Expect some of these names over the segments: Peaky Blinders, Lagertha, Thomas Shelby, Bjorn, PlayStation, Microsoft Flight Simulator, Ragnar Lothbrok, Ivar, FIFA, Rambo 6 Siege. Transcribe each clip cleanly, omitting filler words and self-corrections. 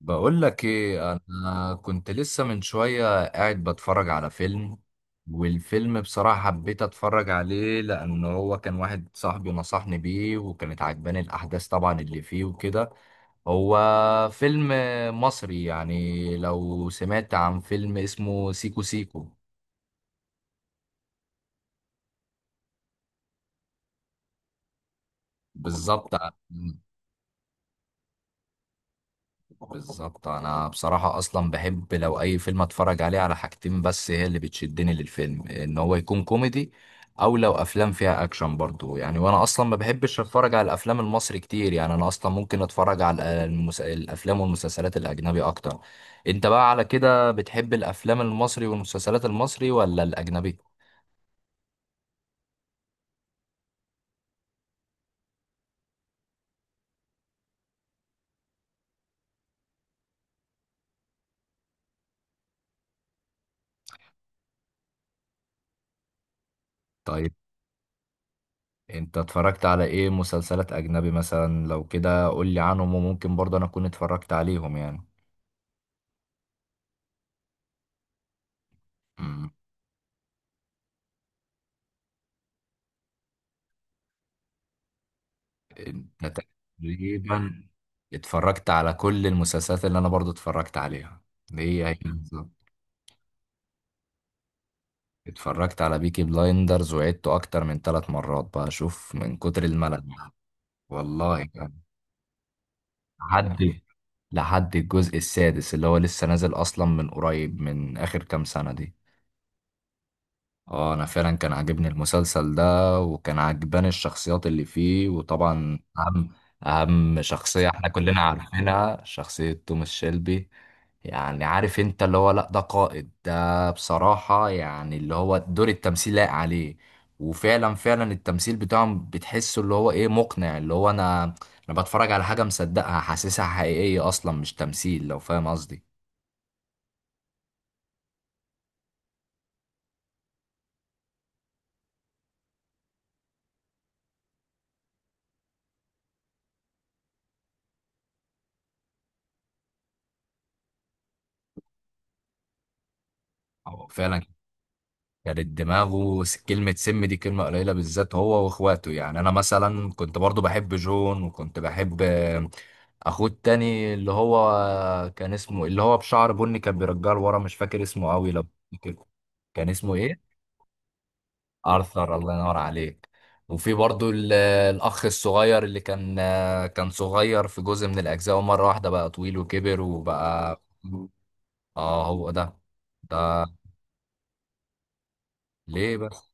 بقول لك ايه، انا كنت لسه من شوية قاعد بتفرج على فيلم. والفيلم بصراحة حبيت اتفرج عليه لان هو كان واحد صاحبي نصحني بيه، وكانت عجباني الاحداث طبعا اللي فيه وكده. هو فيلم مصري. يعني لو سمعت عن فيلم اسمه سيكو سيكو. بالظبط. بالظبط، انا بصراحة اصلا بحب لو اي فيلم اتفرج عليه على حاجتين بس هي اللي بتشدني للفيلم، ان هو يكون كوميدي او لو افلام فيها اكشن برضو. يعني وانا اصلا ما بحبش اتفرج على الافلام المصري كتير، يعني انا اصلا ممكن اتفرج على الافلام والمسلسلات الاجنبي اكتر. انت بقى على كده بتحب الافلام المصري والمسلسلات المصري ولا الاجنبي؟ طيب، انت اتفرجت على ايه مسلسلات اجنبي مثلا؟ لو كده قول لي عنهم وممكن برضه انا اكون اتفرجت عليهم يعني. انت تقريبا اتفرجت على كل المسلسلات اللي انا برضو اتفرجت عليها. هي هي بالظبط. اتفرجت على بيكي بلايندرز وعدته اكتر من ثلاث مرات بقى اشوف من كتر الملل. والله كان لحد لحد الجزء السادس اللي هو لسه نازل اصلا من قريب، من اخر كام سنة دي. اه، انا فعلا كان عاجبني المسلسل ده، وكان عاجباني الشخصيات اللي فيه، وطبعا اهم شخصية احنا كلنا عارفينها شخصية توماس شيلبي. يعني عارف انت اللي هو، لا ده قائد، ده بصراحة يعني اللي هو دور التمثيل لايق عليه. وفعلا فعلا التمثيل بتاعهم بتحسه اللي هو ايه، مقنع. اللي هو انا بتفرج على حاجة مصدقها، حاسسها حقيقية اصلا مش تمثيل، لو فاهم قصدي. أو فعلا. كانت دماغه كلمة سم دي كلمة قليلة، بالذات هو واخواته. يعني انا مثلا كنت برضو بحب جون، وكنت بحب اخوه التاني اللي هو كان اسمه، اللي هو بشعر بني كان بيرجعه لورا، مش فاكر اسمه قوي لو فاكر. كان اسمه ايه؟ ارثر، الله ينور عليك. وفي برضو الاخ الصغير اللي كان كان صغير في جزء من الاجزاء، ومرة واحدة بقى طويل وكبر وبقى. اه، هو ده. ده ليه بس؟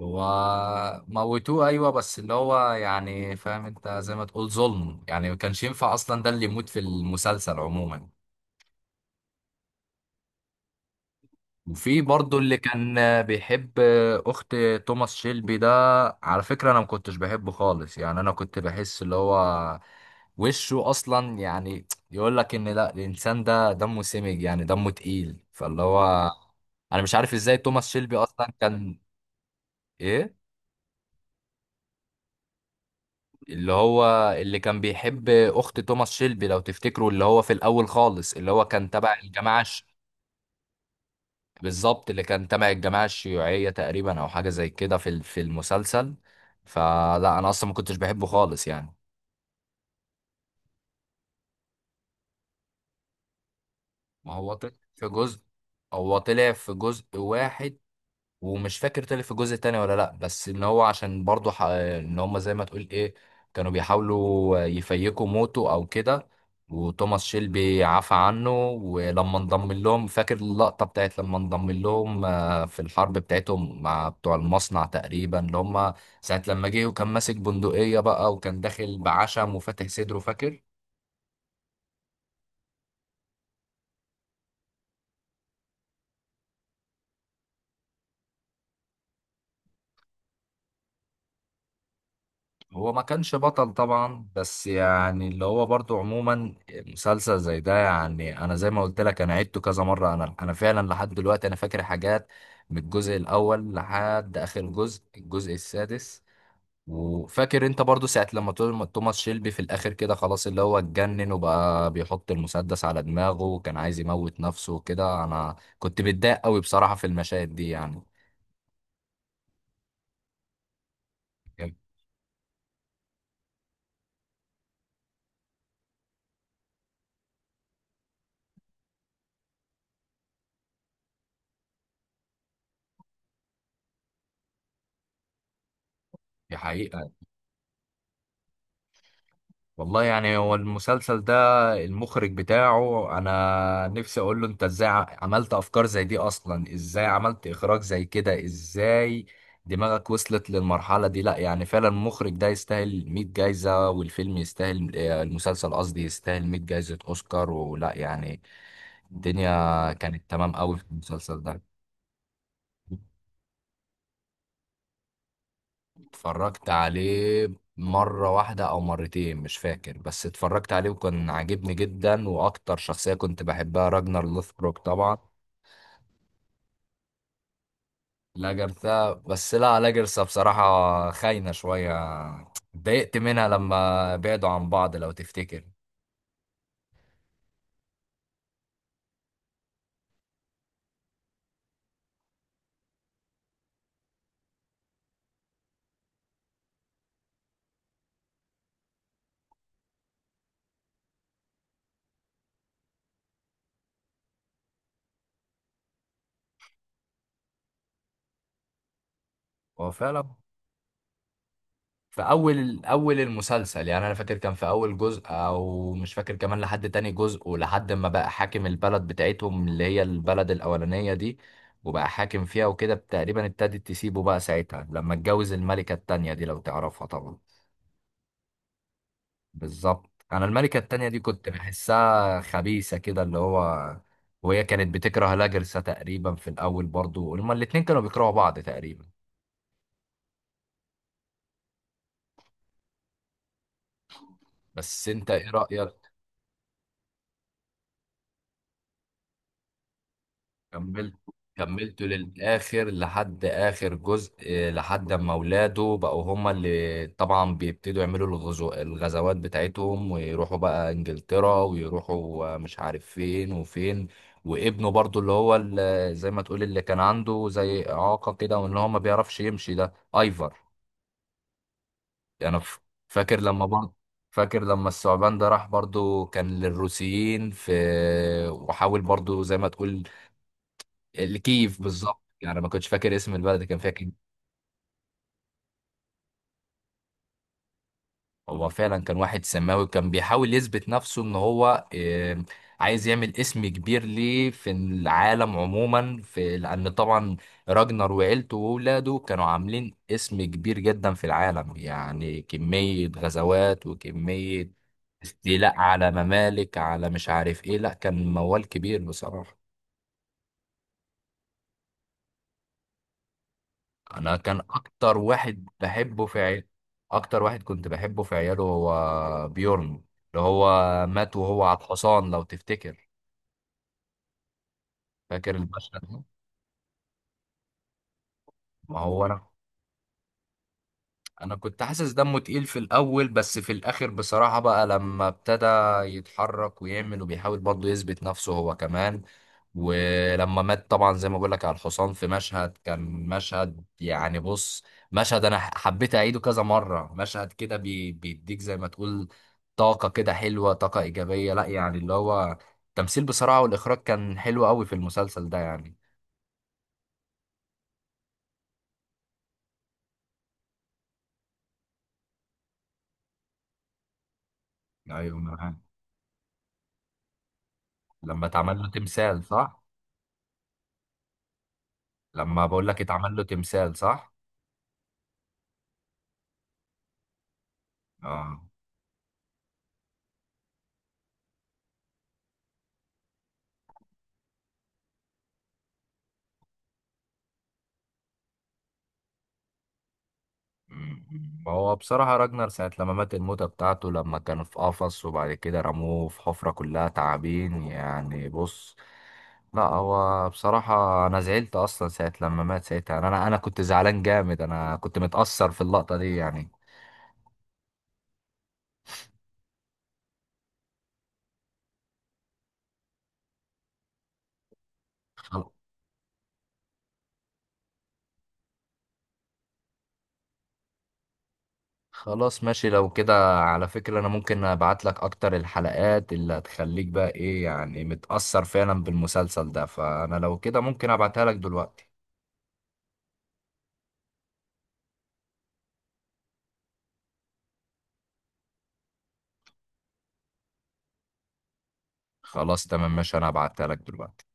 هو موتوه. ايوه بس اللي هو يعني، فاهم انت، زي ما تقول ظلم يعني. ما كانش ينفع اصلا ده اللي يموت في المسلسل عموما. وفي برضه اللي كان بيحب اخت توماس شيلبي ده، على فكره انا ما كنتش بحبه خالص يعني. انا كنت بحس اللي هو وشه اصلا يعني يقول لك ان لا، الانسان ده دمه سمج، يعني دمه تقيل. فاللي هو انا مش عارف ازاي توماس شيلبي اصلا كان ايه. اللي هو اللي كان بيحب اخت توماس شيلبي لو تفتكروا، اللي هو في الاول خالص اللي هو كان تبع بالظبط، اللي كان تبع الجماعه الشيوعيه تقريبا او حاجه زي كده في في المسلسل. فلا انا اصلا ما كنتش بحبه خالص يعني. ما هو طلع في جزء. هو طلع في جزء واحد، ومش فاكر طلع في الجزء التاني ولا لا. بس ان هو عشان برضه ان هم زي ما تقول ايه، كانوا بيحاولوا يفيكوا موته او كده. وتوماس شيلبي عفى عنه ولما انضم لهم، فاكر اللقطة بتاعت لما انضم لهم في الحرب بتاعتهم مع بتوع المصنع تقريبا اللي هم ساعة لما جه وكان ماسك بندقية بقى، وكان داخل بعشم وفاتح صدره، فاكر. هو ما كانش بطل طبعا، بس يعني اللي هو برضو عموما مسلسل زي ده، يعني انا زي ما قلت لك انا عدته كذا مره. انا فعلا لحد دلوقتي انا فاكر حاجات من الجزء الاول لحد اخر جزء، الجزء السادس. وفاكر انت برضو ساعه لما توماس شيلبي في الاخر كده خلاص اللي هو اتجنن وبقى بيحط المسدس على دماغه وكان عايز يموت نفسه وكده، انا كنت متضايق قوي بصراحه في المشاهد دي يعني. دي حقيقه. والله يعني، هو المسلسل ده المخرج بتاعه انا نفسي اقول له انت ازاي عملت افكار زي دي اصلا؟ ازاي عملت اخراج زي كده؟ ازاي دماغك وصلت للمرحلة دي؟ لا يعني فعلا المخرج ده يستاهل 100 جايزة، والفيلم يستاهل المسلسل قصدي يستاهل 100 جايزة اوسكار ولا يعني. الدنيا كانت تمام قوي في المسلسل ده. اتفرجت عليه مرة واحدة أو مرتين مش فاكر، بس اتفرجت عليه وكان عاجبني جدا، وأكتر شخصية كنت بحبها راجنر لوثبروك طبعا. لاجرثا، بس لا، لاجرثا بصراحة خاينة شوية. اتضايقت منها لما بعدوا عن بعض لو تفتكر. هو فعلا. في اول اول المسلسل يعني، انا فاكر كان في اول جزء او مش فاكر كمان، لحد تاني جزء ولحد ما بقى حاكم البلد بتاعتهم اللي هي البلد الاولانية دي، وبقى حاكم فيها وكده، تقريبا ابتدت تسيبه بقى ساعتها لما اتجوز الملكة التانية دي، لو تعرفها طبعا. بالظبط. انا الملكة التانية دي كنت بحسها خبيثة كده اللي هو. وهي كانت بتكره لاجرسا تقريبا في الاول، برضو هما الاتنين كانوا بيكرهوا بعض تقريبا. بس انت ايه رأيك؟ كملت. كملته للآخر لحد آخر جزء، لحد ما ولاده بقوا هما اللي طبعا بيبتدوا يعملوا الغزوات بتاعتهم، ويروحوا بقى إنجلترا ويروحوا، مش عارف فين وفين. وابنه برضو اللي هو، اللي زي ما تقول اللي كان عنده زي إعاقة كده وإن هو ما بيعرفش يمشي، ده أيفر. أنا فاكر لما برضه. فاكر لما الثعبان ده راح برضو، كان للروسيين في. وحاول برضو زي ما تقول. الكيف بالظبط، يعني ما كنتش فاكر اسم البلد اللي كان فيها، كيف. هو فعلا كان واحد سماوي، كان بيحاول يثبت نفسه ان هو عايز يعمل اسم كبير ليه في العالم عموما، في لان طبعا راجنر وعيلته واولاده كانوا عاملين اسم كبير جدا في العالم. يعني كمية غزوات وكمية استيلاء على ممالك، على مش عارف ايه. لا كان موال كبير بصراحة. انا كان اكتر واحد بحبه في عيال، اكتر واحد كنت بحبه في عياله هو بيورن، اللي هو مات وهو على الحصان لو تفتكر. فاكر المشهد ده؟ ما هو انا كنت حاسس دمه تقيل في الاول، بس في الاخر بصراحة بقى لما ابتدى يتحرك ويعمل وبيحاول برضه يثبت نفسه هو كمان، ولما مات طبعا زي ما بقول لك على الحصان في مشهد، كان مشهد يعني بص، مشهد انا حبيت اعيده كذا مرة. مشهد كده بي بيديك زي ما تقول طاقة كده حلوة، طاقة ايجابية. لا يعني اللي هو التمثيل بصراحة والاخراج كان حلو قوي في المسلسل ده يعني. ايوه معاك. لما اتعمل له تمثال، صح؟ لما بقول لك اتعمل له تمثال، صح. اه. مم. هو بصراحة راجنر ساعة لما مات الموتة بتاعته، لما كان في قفص وبعد كده رموه في حفرة كلها تعابين، يعني بص، لا هو بصراحة أنا زعلت أصلا ساعة لما مات. ساعتها أنا كنت زعلان جامد، أنا كنت متأثر في اللقطة دي يعني. خل- خلاص ماشي لو كده. على فكرة أنا ممكن أبعت لك أكتر الحلقات اللي هتخليك بقى إيه يعني، متأثر فعلا بالمسلسل ده. فأنا لو كده ممكن أبعتها لك دلوقتي. خلاص تمام ماشي، أنا هبعتها لك دلوقتي.